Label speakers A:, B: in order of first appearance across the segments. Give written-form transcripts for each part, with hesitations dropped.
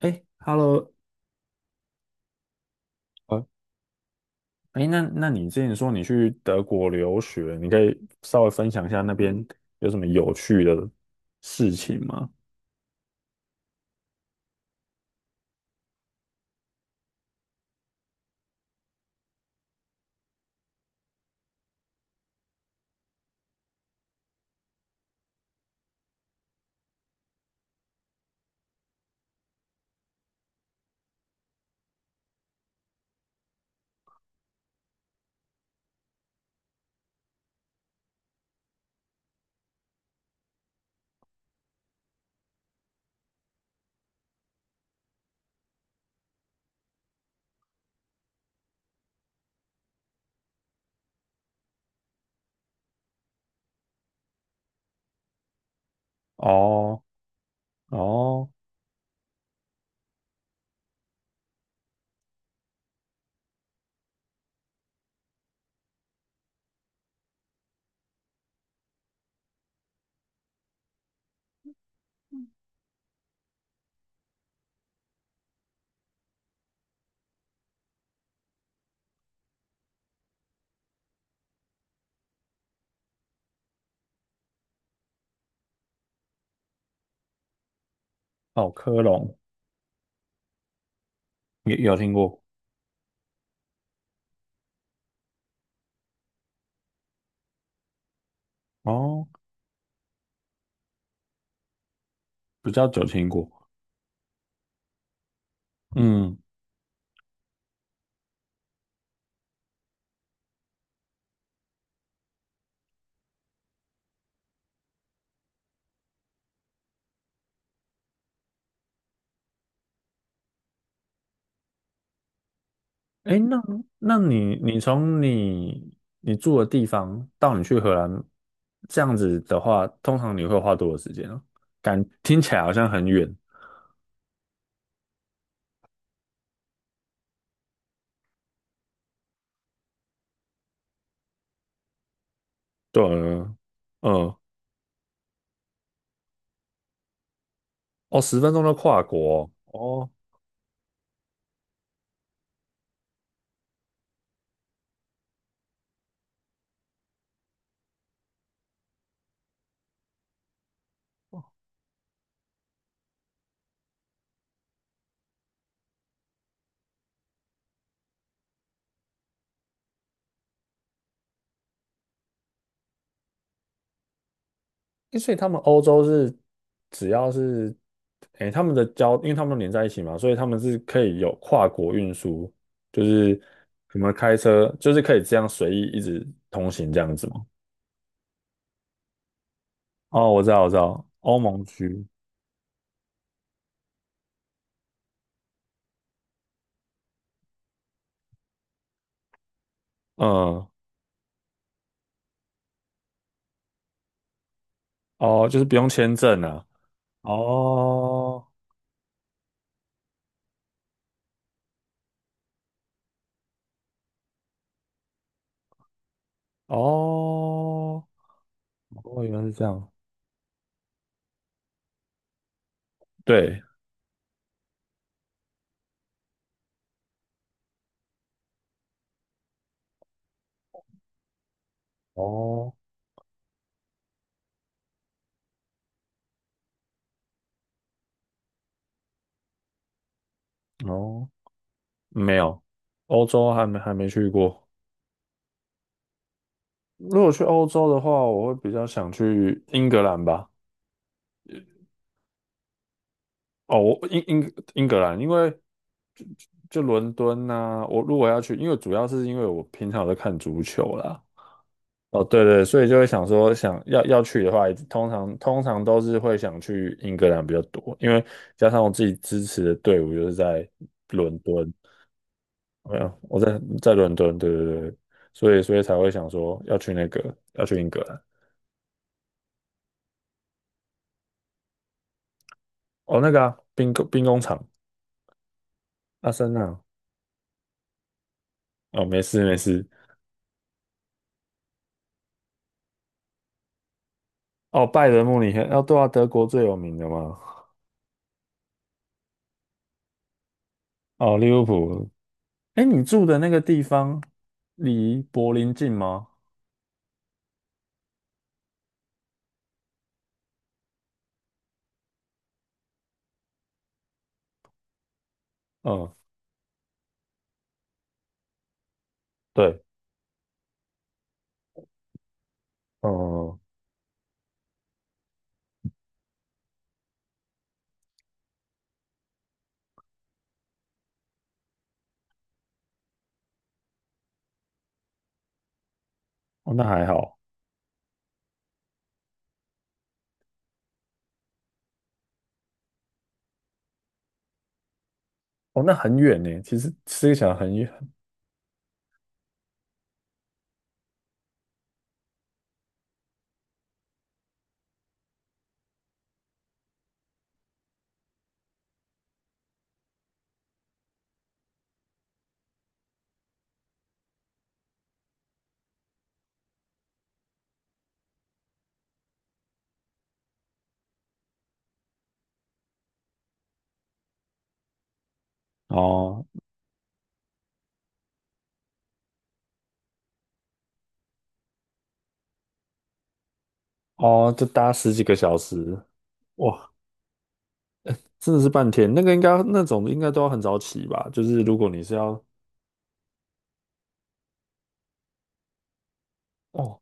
A: 哎，Hello，啊，哎，那你之前说你去德国留学，你可以稍微分享一下那边有什么有趣的事情吗？哦哦哦，科隆有听过哦，比较久听过。嗯，哎，那你从你住的地方到你去荷兰，这样子的话，通常你会花多少时间啊？感听起来好像很远。对，嗯，哦，10分钟就跨国哦，哦诶所以他们欧洲是只要是，诶，他们的交，因为他们都连在一起嘛，所以他们是可以有跨国运输，就是什么开车，就是可以这样随意一直通行这样子吗？哦，我知道，我知道，欧盟区，嗯，哦，就是不用签证啊，哦，哦，哦，原来是这样，对，哦，哦，没有，欧洲还没去过。如果去欧洲的话，我会比较想去英格兰吧。哦，我英格兰，因为就就伦敦呐、我如果要去，因为主要是因为我平常有在看足球啦。哦，对对，所以就会想说，想要去的话，通常都是会想去英格兰比较多，因为加上我自己支持的队伍就是在伦敦，没有，我在伦敦，对对对，所以才会想说要去那个要去英格兰。哦，那个啊，兵工厂，阿森纳。哦，没事没事。哦，拜仁慕尼黑，哦，对啊，德国最有名的嘛。哦，利物浦。哎，你住的那个地方离柏林近吗？嗯，对，嗯，哦，那还好。哦，那很远呢，其实吃起来很远。哦哦，就搭十几个小时，哇，真的是半天。那个应该那种应该都要很早起吧？就是如果你是要哦，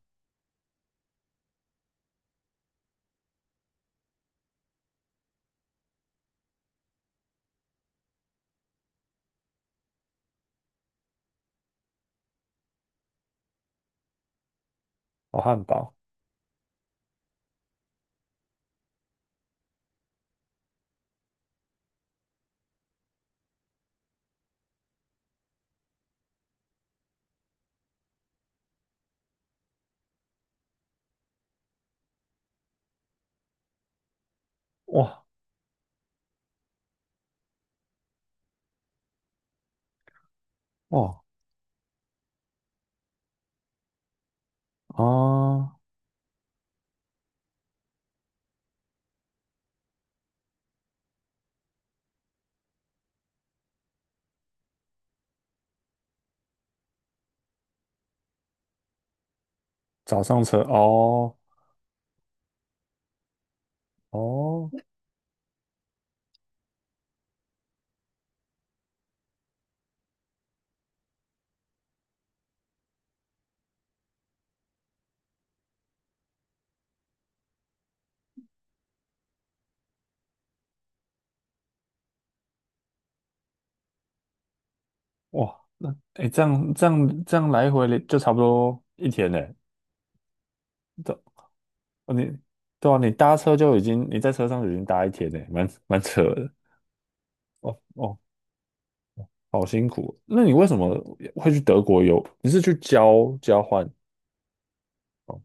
A: 哦，汉堡，哇哦哦，早上车哦哦。哇，那哎，诶这样来回了就差不多一天呢。这哦你对啊，你搭车就已经你在车上就已经搭一天呢，蛮扯的。哦哦，好辛苦哦。那你为什么会去德国游？你是去交换？哦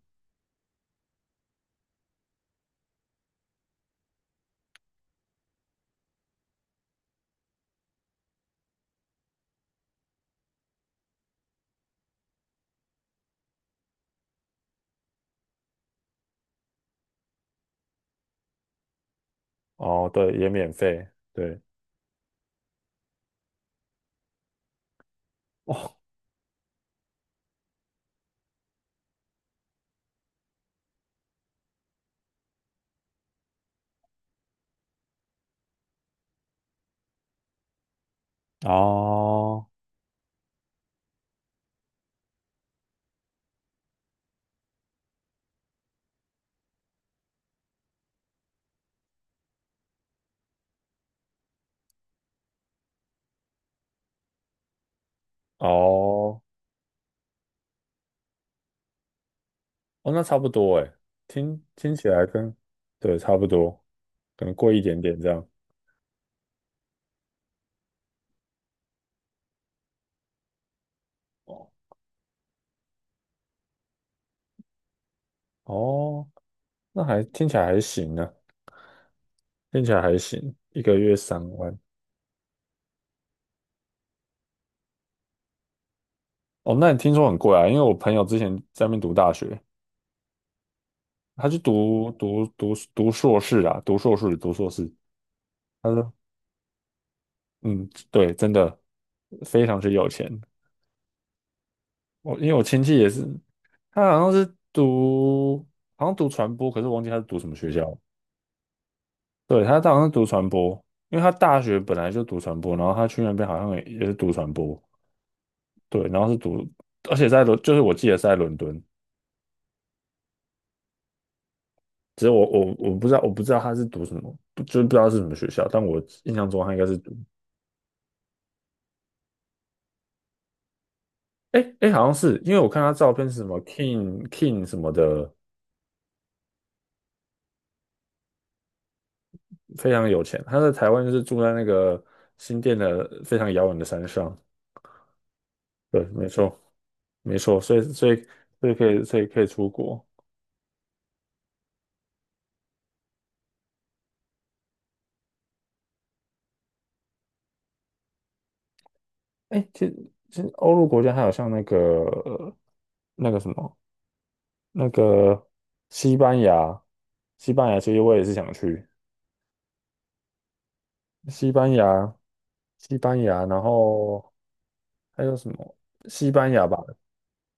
A: 哦，对，也免费。对哦哦哦哦，那差不多哎，听起来跟对差不多，可能贵一点点这样。哦哦，那还听起来还行呢。听起来还行，一个月3万。哦，那你听说很贵啊？因为我朋友之前在那边读大学，他去读硕士啊，读硕士。他说，嗯，对，真的非常之有钱。我因为我亲戚也是，他好像是读好像读传播，可是我忘记他是读什么学校。对，他当时读传播，因为他大学本来就读传播，然后他去那边好像也是读传播，对，然后是读，而且就是我记得是在伦敦。只是我不知道他是读什么，不就是不知道是什么学校，但我印象中他应该是读，哎哎，好像是因为我看他照片是什么 King King 什么的，非常有钱，他在台湾就是住在那个新店的非常遥远的山上，对，没错没错，所以可以出国，哎，其实欧陆国家还有像那个那个什么那个西班牙，西班牙其实我也是想去，西班牙，西班牙，然后还有什么？西班牙吧，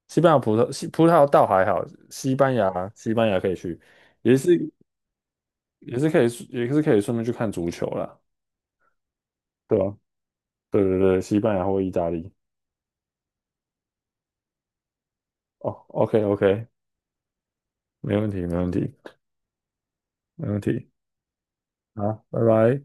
A: 西班牙葡萄，西葡萄倒还好，西班牙，西班牙可以去，也是也是可以，也是可以顺便去看足球啦，对吧？对对对，西班牙或意大利。哦，OK OK，没问题没问题没问题，好，拜拜。